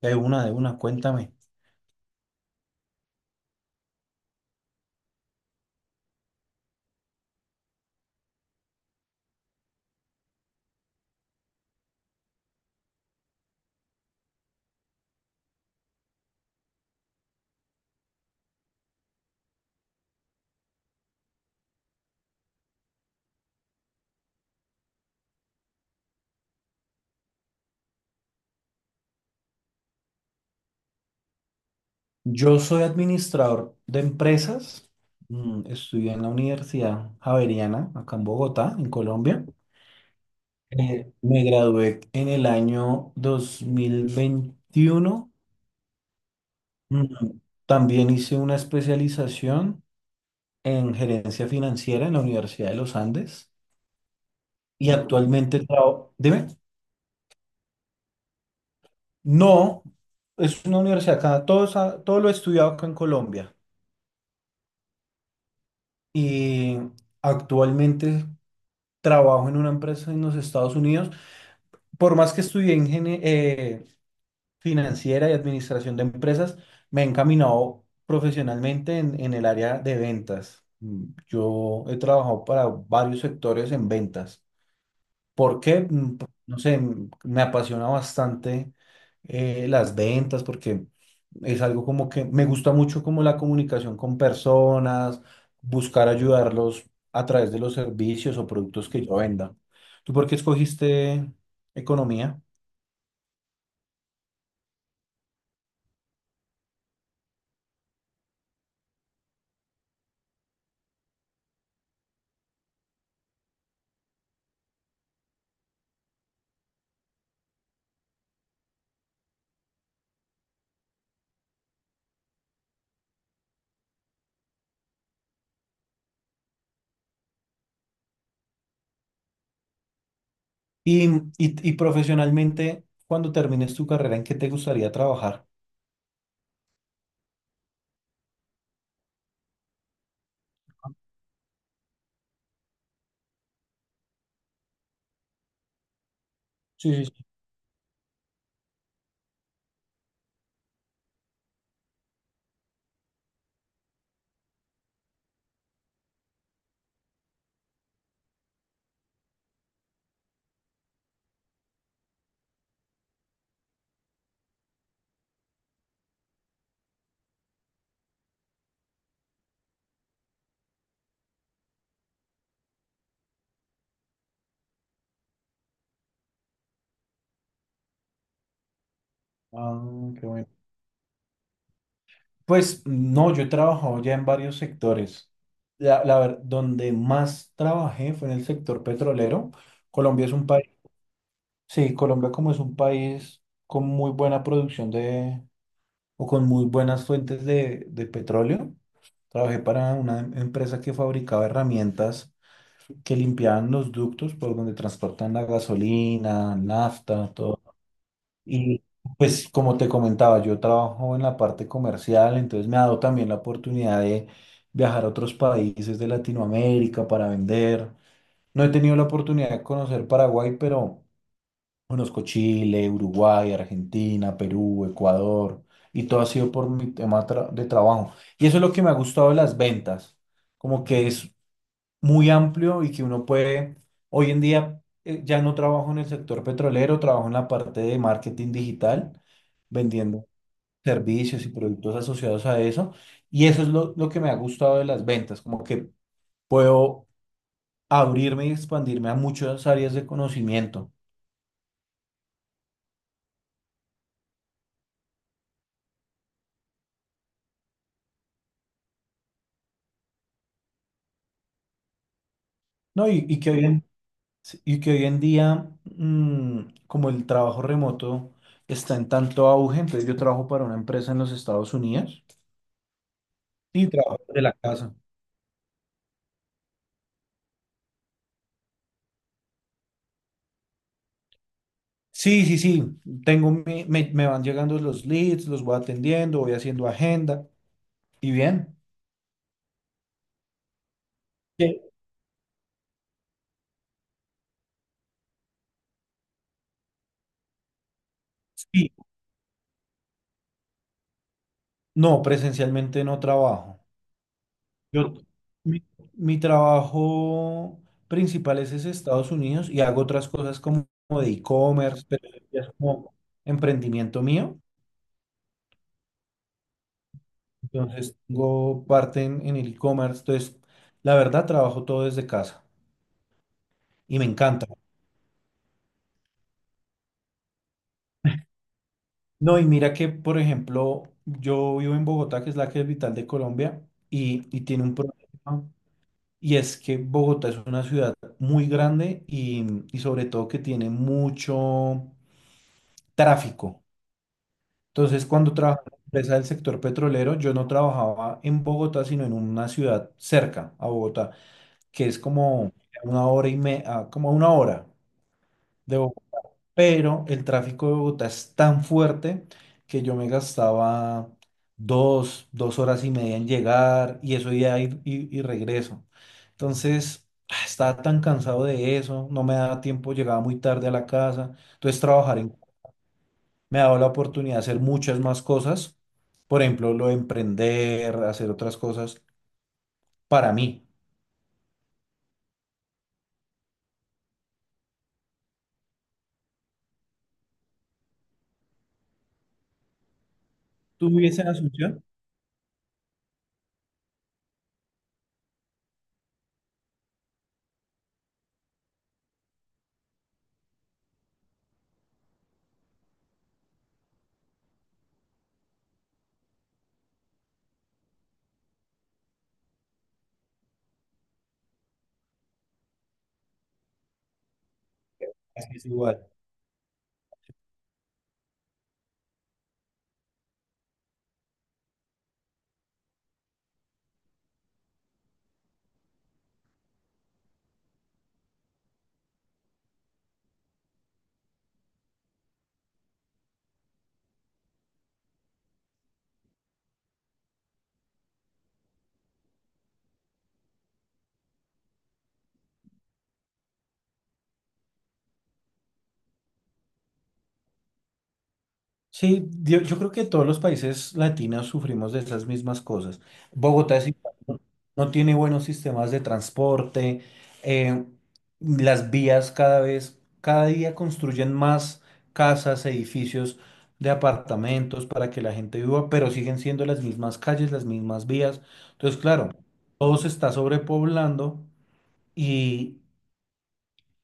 Cuéntame. Yo soy administrador de empresas. Estudié en la Universidad Javeriana, acá en Bogotá, en Colombia. Me gradué en el año 2021. Mm, También hice una especialización en gerencia financiera en la Universidad de los Andes. Y actualmente trabajo. Dime, no, es una universidad acá. Todo, es todo lo he estudiado acá en Colombia. Y actualmente trabajo en una empresa en los Estados Unidos. Por más que estudié financiera y administración de empresas, me he encaminado profesionalmente en el área de ventas. Yo he trabajado para varios sectores en ventas porque, no sé, me apasiona bastante las ventas porque es algo como que me gusta mucho como la comunicación con personas, buscar ayudarlos a través de los servicios o productos que yo venda. ¿Tú por qué escogiste economía? Y profesionalmente, cuando termines tu carrera, ¿en qué te gustaría trabajar? Sí, sí, sí. Ah, qué bueno. Pues no, yo he trabajado ya en varios sectores. Donde más trabajé fue en el sector petrolero. Colombia es un país, sí, Colombia como es un país con muy buena producción de, o con muy buenas fuentes de petróleo. Trabajé para una empresa que fabricaba herramientas que limpiaban los ductos por donde transportan la gasolina, nafta, todo. Y pues como te comentaba, yo trabajo en la parte comercial, entonces me ha dado también la oportunidad de viajar a otros países de Latinoamérica para vender. No he tenido la oportunidad de conocer Paraguay, pero conozco Chile, Uruguay, Argentina, Perú, Ecuador, y todo ha sido por mi tema de trabajo. Y eso es lo que me ha gustado de las ventas, como que es muy amplio y que uno puede, hoy en día ya no trabajo en el sector petrolero, trabajo en la parte de marketing digital, vendiendo servicios y productos asociados a eso. Y eso es lo que me ha gustado de las ventas, como que puedo abrirme y expandirme a muchas áreas de conocimiento, ¿no? Sí, y que hoy en día, como el trabajo remoto está en tanto auge, entonces yo trabajo para una empresa en los Estados Unidos y trabajo de la casa. Sí, sí, sí. Me, me van llegando los leads, los voy atendiendo, voy haciendo agenda. ¿Y bien? ¿Qué? Sí. No, presencialmente no trabajo. Yo, mi, mi trabajo principal es Estados Unidos y hago otras cosas como, como de e-commerce, pero eso ya es como emprendimiento mío. Entonces, tengo parte en el e-commerce. Entonces, la verdad, trabajo todo desde casa y me encanta. No, y mira que, por ejemplo, yo vivo en Bogotá, que es la capital de Colombia, y tiene un problema, y es que Bogotá es una ciudad muy grande y sobre todo que tiene mucho tráfico. Entonces, cuando trabajaba en la empresa del sector petrolero, yo no trabajaba en Bogotá, sino en una ciudad cerca a Bogotá, que es como una hora y como a una hora de Bogotá, pero el tráfico de Bogotá es tan fuerte que yo me gastaba dos horas y media en llegar y eso ya ir y regreso. Entonces, ah, estaba tan cansado de eso, no me daba tiempo, llegaba muy tarde a la casa. Me ha dado la oportunidad de hacer muchas más cosas, por ejemplo, lo de emprender, hacer otras cosas para mí. ¿Tú vives en Asunción? Así es igual. Sí, yo creo que todos los países latinos sufrimos de esas mismas cosas. Bogotá es igual, no tiene buenos sistemas de transporte, eh, las vías cada vez, cada día construyen más casas, edificios de apartamentos para que la gente viva, pero siguen siendo las mismas calles, las mismas vías. Entonces, claro, todo se está sobrepoblando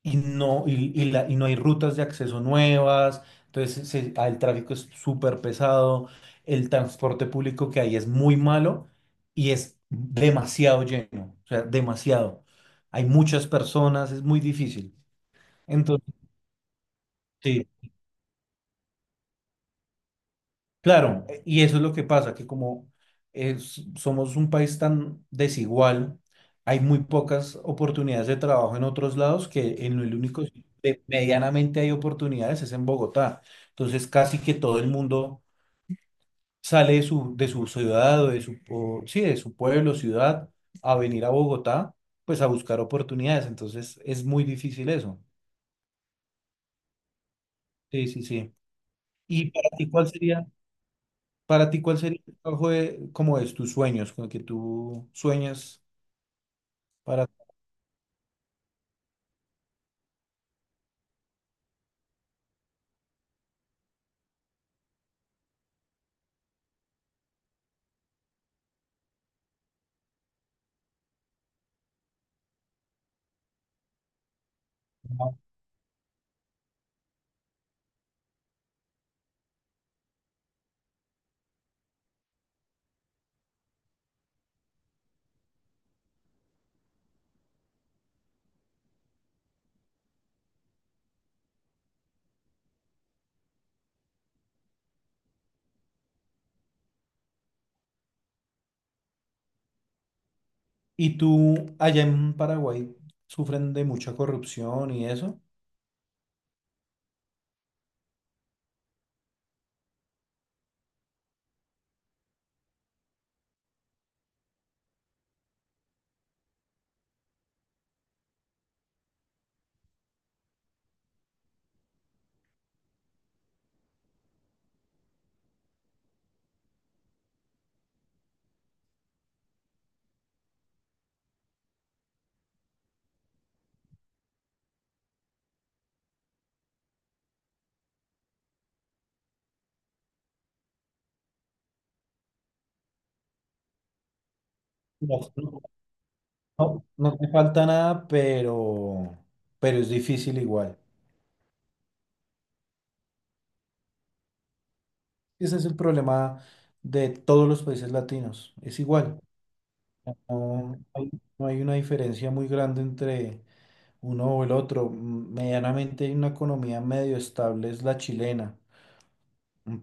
y no, y la- y no hay rutas de acceso nuevas, el tráfico es súper pesado, el transporte público que hay es muy malo y es demasiado lleno, o sea, demasiado. Hay muchas personas, es muy difícil. Entonces, sí. Claro, y eso es lo que pasa, que somos un país tan desigual, hay muy pocas oportunidades de trabajo en otros lados, que en el único sitio que medianamente hay oportunidades es en Bogotá. Entonces casi que todo el mundo sale de de su ciudad o de sí, de su pueblo, ciudad, a venir a Bogotá, pues a buscar oportunidades. Entonces es muy difícil eso. Sí, sí, sí. ¿Y para ti cuál sería? Para ti, ¿cuál sería el trabajo de, como es tus sueños, con el que tú sueñas para... Y tú allá en Paraguay sufren de mucha corrupción y eso. No, no te falta nada, pero es difícil igual. Ese es el problema de todos los países latinos. Es igual. No hay, no hay una diferencia muy grande entre uno o el otro. Medianamente hay una economía medio estable, es la chilena,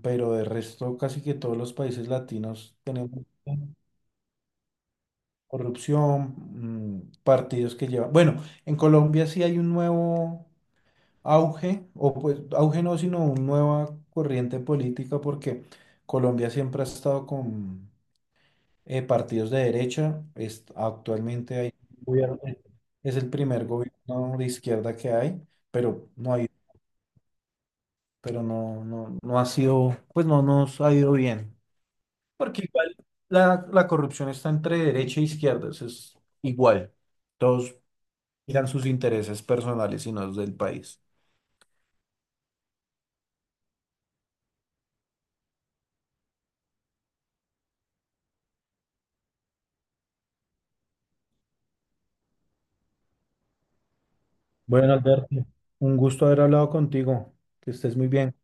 pero de resto casi que todos los países latinos tenemos corrupción, partidos que llevan... Bueno, en Colombia sí hay un nuevo auge, o pues auge no, sino una nueva corriente política porque Colombia siempre ha estado con partidos de derecha, actualmente hay un gobierno, es el primer gobierno de izquierda que hay, pero no hay, pero no ha sido, pues no nos ha ido bien. Porque igual la corrupción está entre derecha e izquierda, eso es igual. Todos miran sus intereses personales y no los del país. Bueno, Alberto, un gusto haber hablado contigo. Que estés muy bien.